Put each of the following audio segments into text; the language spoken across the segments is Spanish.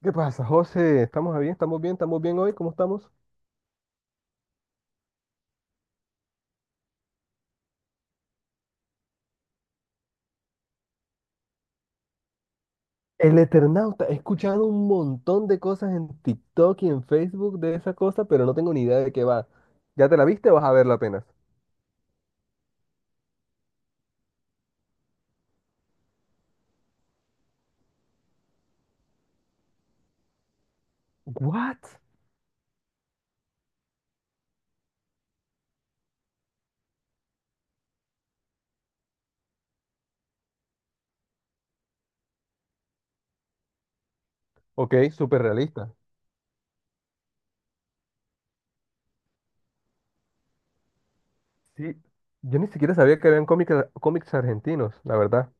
¿Qué pasa, José? ¿Estamos bien? ¿Estamos bien? ¿Estamos bien hoy? ¿Cómo estamos? El Eternauta. He escuchado un montón de cosas en TikTok y en Facebook de esa cosa, pero no tengo ni idea de qué va. ¿Ya te la viste o vas a verla apenas? What? Ok, súper realista. Sí. Yo ni siquiera sabía que habían cómics, cómics argentinos, la verdad.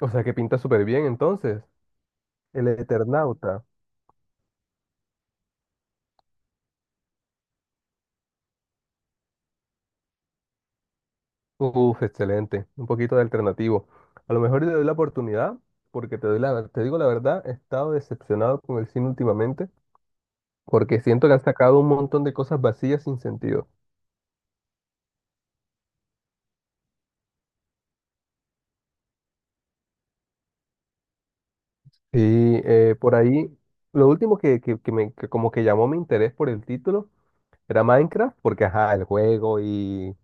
O sea, que pinta súper bien entonces. El Eternauta. Uf, excelente. Un poquito de alternativo. A lo mejor le doy la oportunidad, porque te doy la, te digo la verdad, he estado decepcionado con el cine últimamente, porque siento que han sacado un montón de cosas vacías sin sentido. Y por ahí, lo último que me, que como que llamó mi interés por el título era Minecraft, porque ajá, el juego y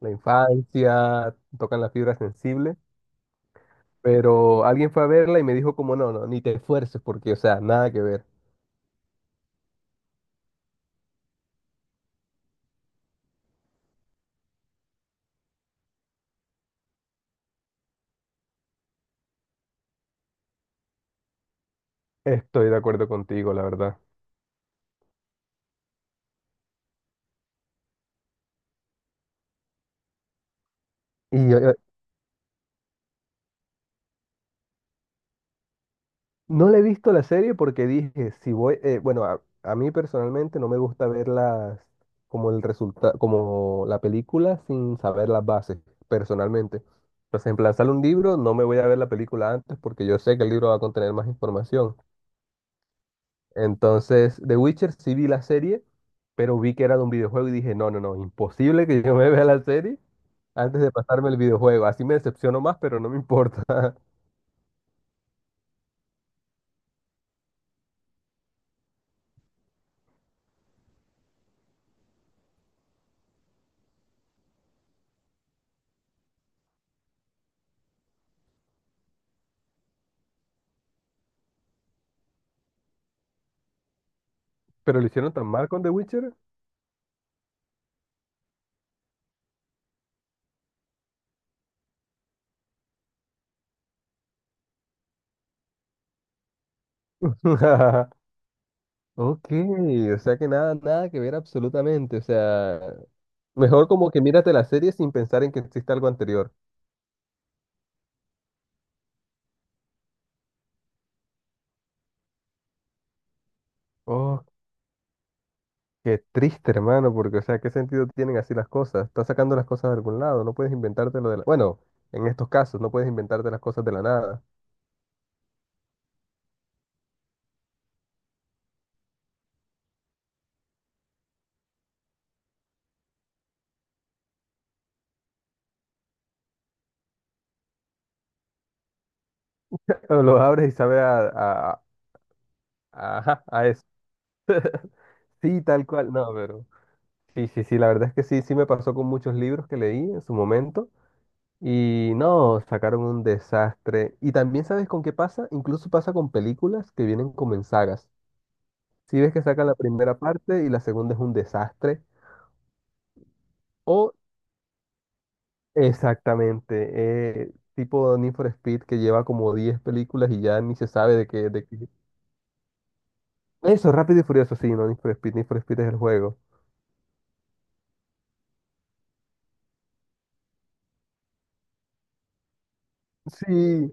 la infancia tocan la fibra sensible, pero alguien fue a verla y me dijo como no, no, ni te esfuerces porque, o sea, nada que ver. Estoy de acuerdo contigo, la verdad. Y no le he visto la serie porque dije, si voy, bueno, a mí personalmente no me gusta verlas como el resultado, como la película sin saber las bases, personalmente. Entonces, en plan, sale un libro, no me voy a ver la película antes porque yo sé que el libro va a contener más información. Entonces, The Witcher sí vi la serie, pero vi que era de un videojuego y dije, no, no, no, imposible que yo me vea la serie antes de pasarme el videojuego. Así me decepciono más, pero no me importa. Pero lo hicieron tan mal con The Witcher. Ok, o sea que nada, nada que ver absolutamente. O sea, mejor como que mírate la serie sin pensar en que existe algo anterior. Oh, qué triste, hermano, porque, o sea, ¿qué sentido tienen así las cosas? Estás sacando las cosas de algún lado, no puedes inventarte lo de la... Bueno, en estos casos, no puedes inventarte las cosas de la nada. O lo abres y sabe ajá, a eso. Sí, tal cual, no, pero... Sí, sí, sí, la verdad es que sí, sí me pasó con muchos libros que leí en su momento. Y no, sacaron un desastre. Y también sabes con qué pasa, incluso pasa con películas que vienen como en sagas. Si ves que sacan la primera parte y la segunda es un desastre, o exactamente, tipo Need for Speed que lleva como 10 películas y ya ni se sabe de qué, eso, Rápido y Furioso, sí, no, Need for Speed es el juego. Sí,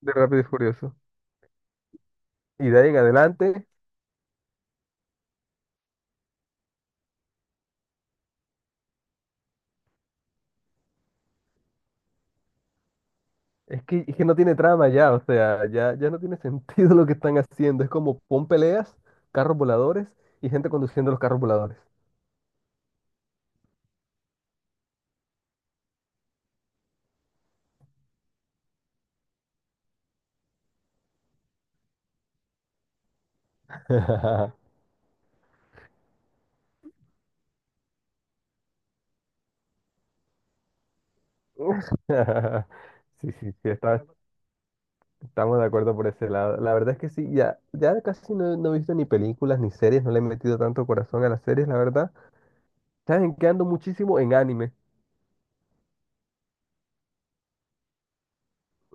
de Rápido y Furioso. Y de ahí en adelante, es que, es que no tiene trama ya, o sea, ya, ya no tiene sentido lo que están haciendo. Es como pon peleas, carros voladores y gente conduciendo los carros voladores. Sí, sí, sí, estamos de acuerdo por ese lado. La verdad es que sí, ya, ya casi no, no he visto ni películas ni series, no le he metido tanto corazón a las series, la verdad. Saben que ando muchísimo en anime.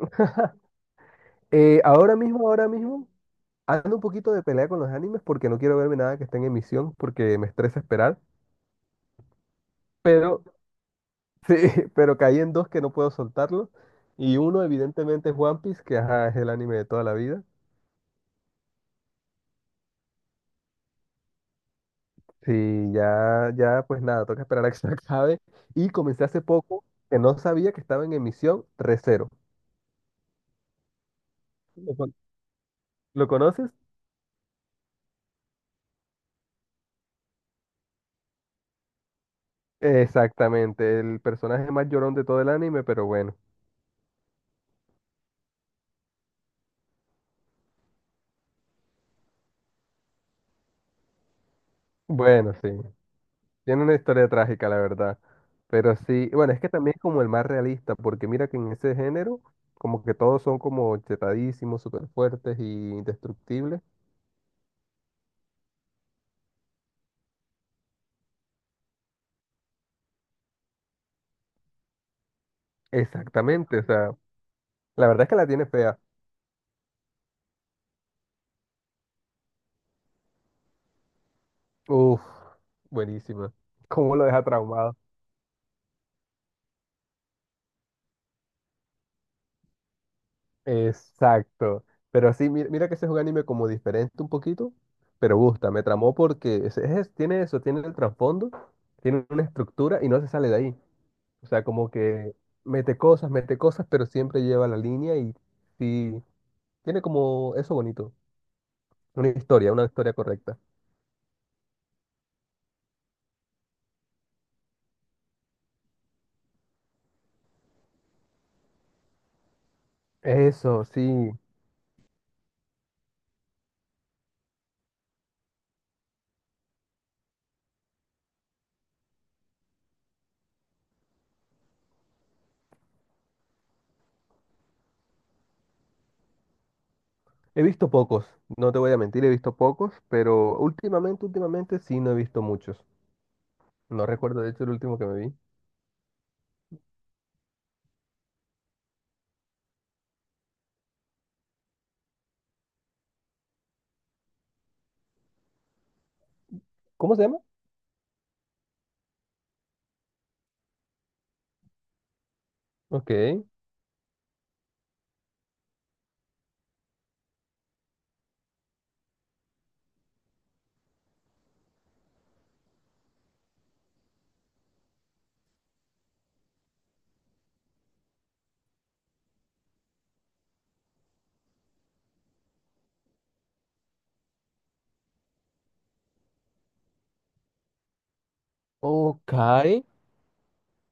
Ahora mismo, ando un poquito de pelea con los animes porque no quiero verme nada que esté en emisión porque me estresa esperar. Pero sí, pero caí en dos que no puedo soltarlo. Y uno, evidentemente, es One Piece, que ajá, es el anime de toda la vida. Sí, ya, ya, pues nada, toca esperar a que se acabe. Y comencé hace poco, que no sabía que estaba en emisión, Re:Zero. ¿Lo, con- lo conoces? Exactamente, el personaje más llorón de todo el anime, pero bueno. Bueno, sí. Tiene una historia trágica, la verdad. Pero sí, bueno, es que también es como el más realista, porque mira que en ese género, como que todos son como chetadísimos, súper fuertes y indestructibles. Exactamente, o sea, la verdad es que la tiene fea. Uf, buenísima. ¿Cómo lo deja traumado? Exacto. Pero sí, mira, mira que ese es un anime como diferente un poquito, pero gusta, me tramó porque tiene eso, tiene el trasfondo, tiene una estructura y no se sale de ahí. O sea, como que mete cosas, pero siempre lleva la línea y sí, tiene como eso bonito, una historia correcta. Eso, sí. He visto pocos, no te voy a mentir, he visto pocos, pero últimamente, últimamente sí no he visto muchos. No recuerdo, de hecho, el último que me vi. ¿Cómo se llama? Ok. Ok.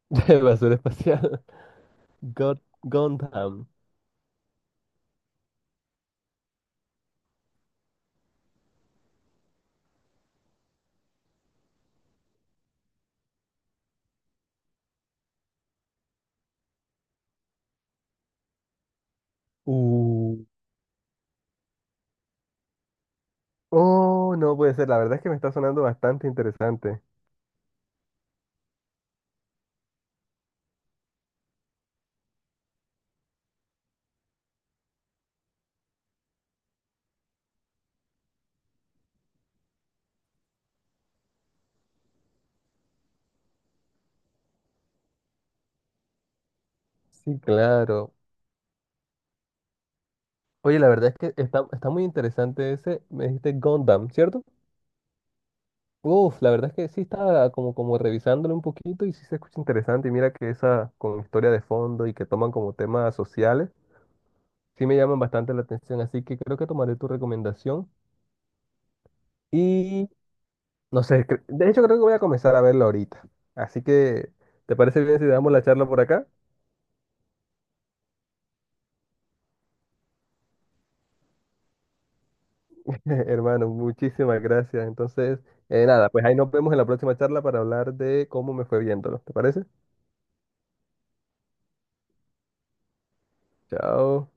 De basura espacial. God Gundam. Uh. Oh, no puede ser. La verdad es que me está sonando bastante interesante. Sí, claro. Oye, la verdad es que está, está muy interesante ese, me dijiste Gundam, ¿cierto? Uf, la verdad es que sí estaba como, como revisándolo un poquito y sí se escucha interesante. Y mira que esa con historia de fondo y que toman como temas sociales, sí me llaman bastante la atención. Así que creo que tomaré tu recomendación. Y no sé, de hecho creo que voy a comenzar a verlo ahorita. Así que, ¿te parece bien si damos la charla por acá? Hermano, muchísimas gracias. Entonces, nada, pues ahí nos vemos en la próxima charla para hablar de cómo me fue viéndolo. ¿Te parece? Chao.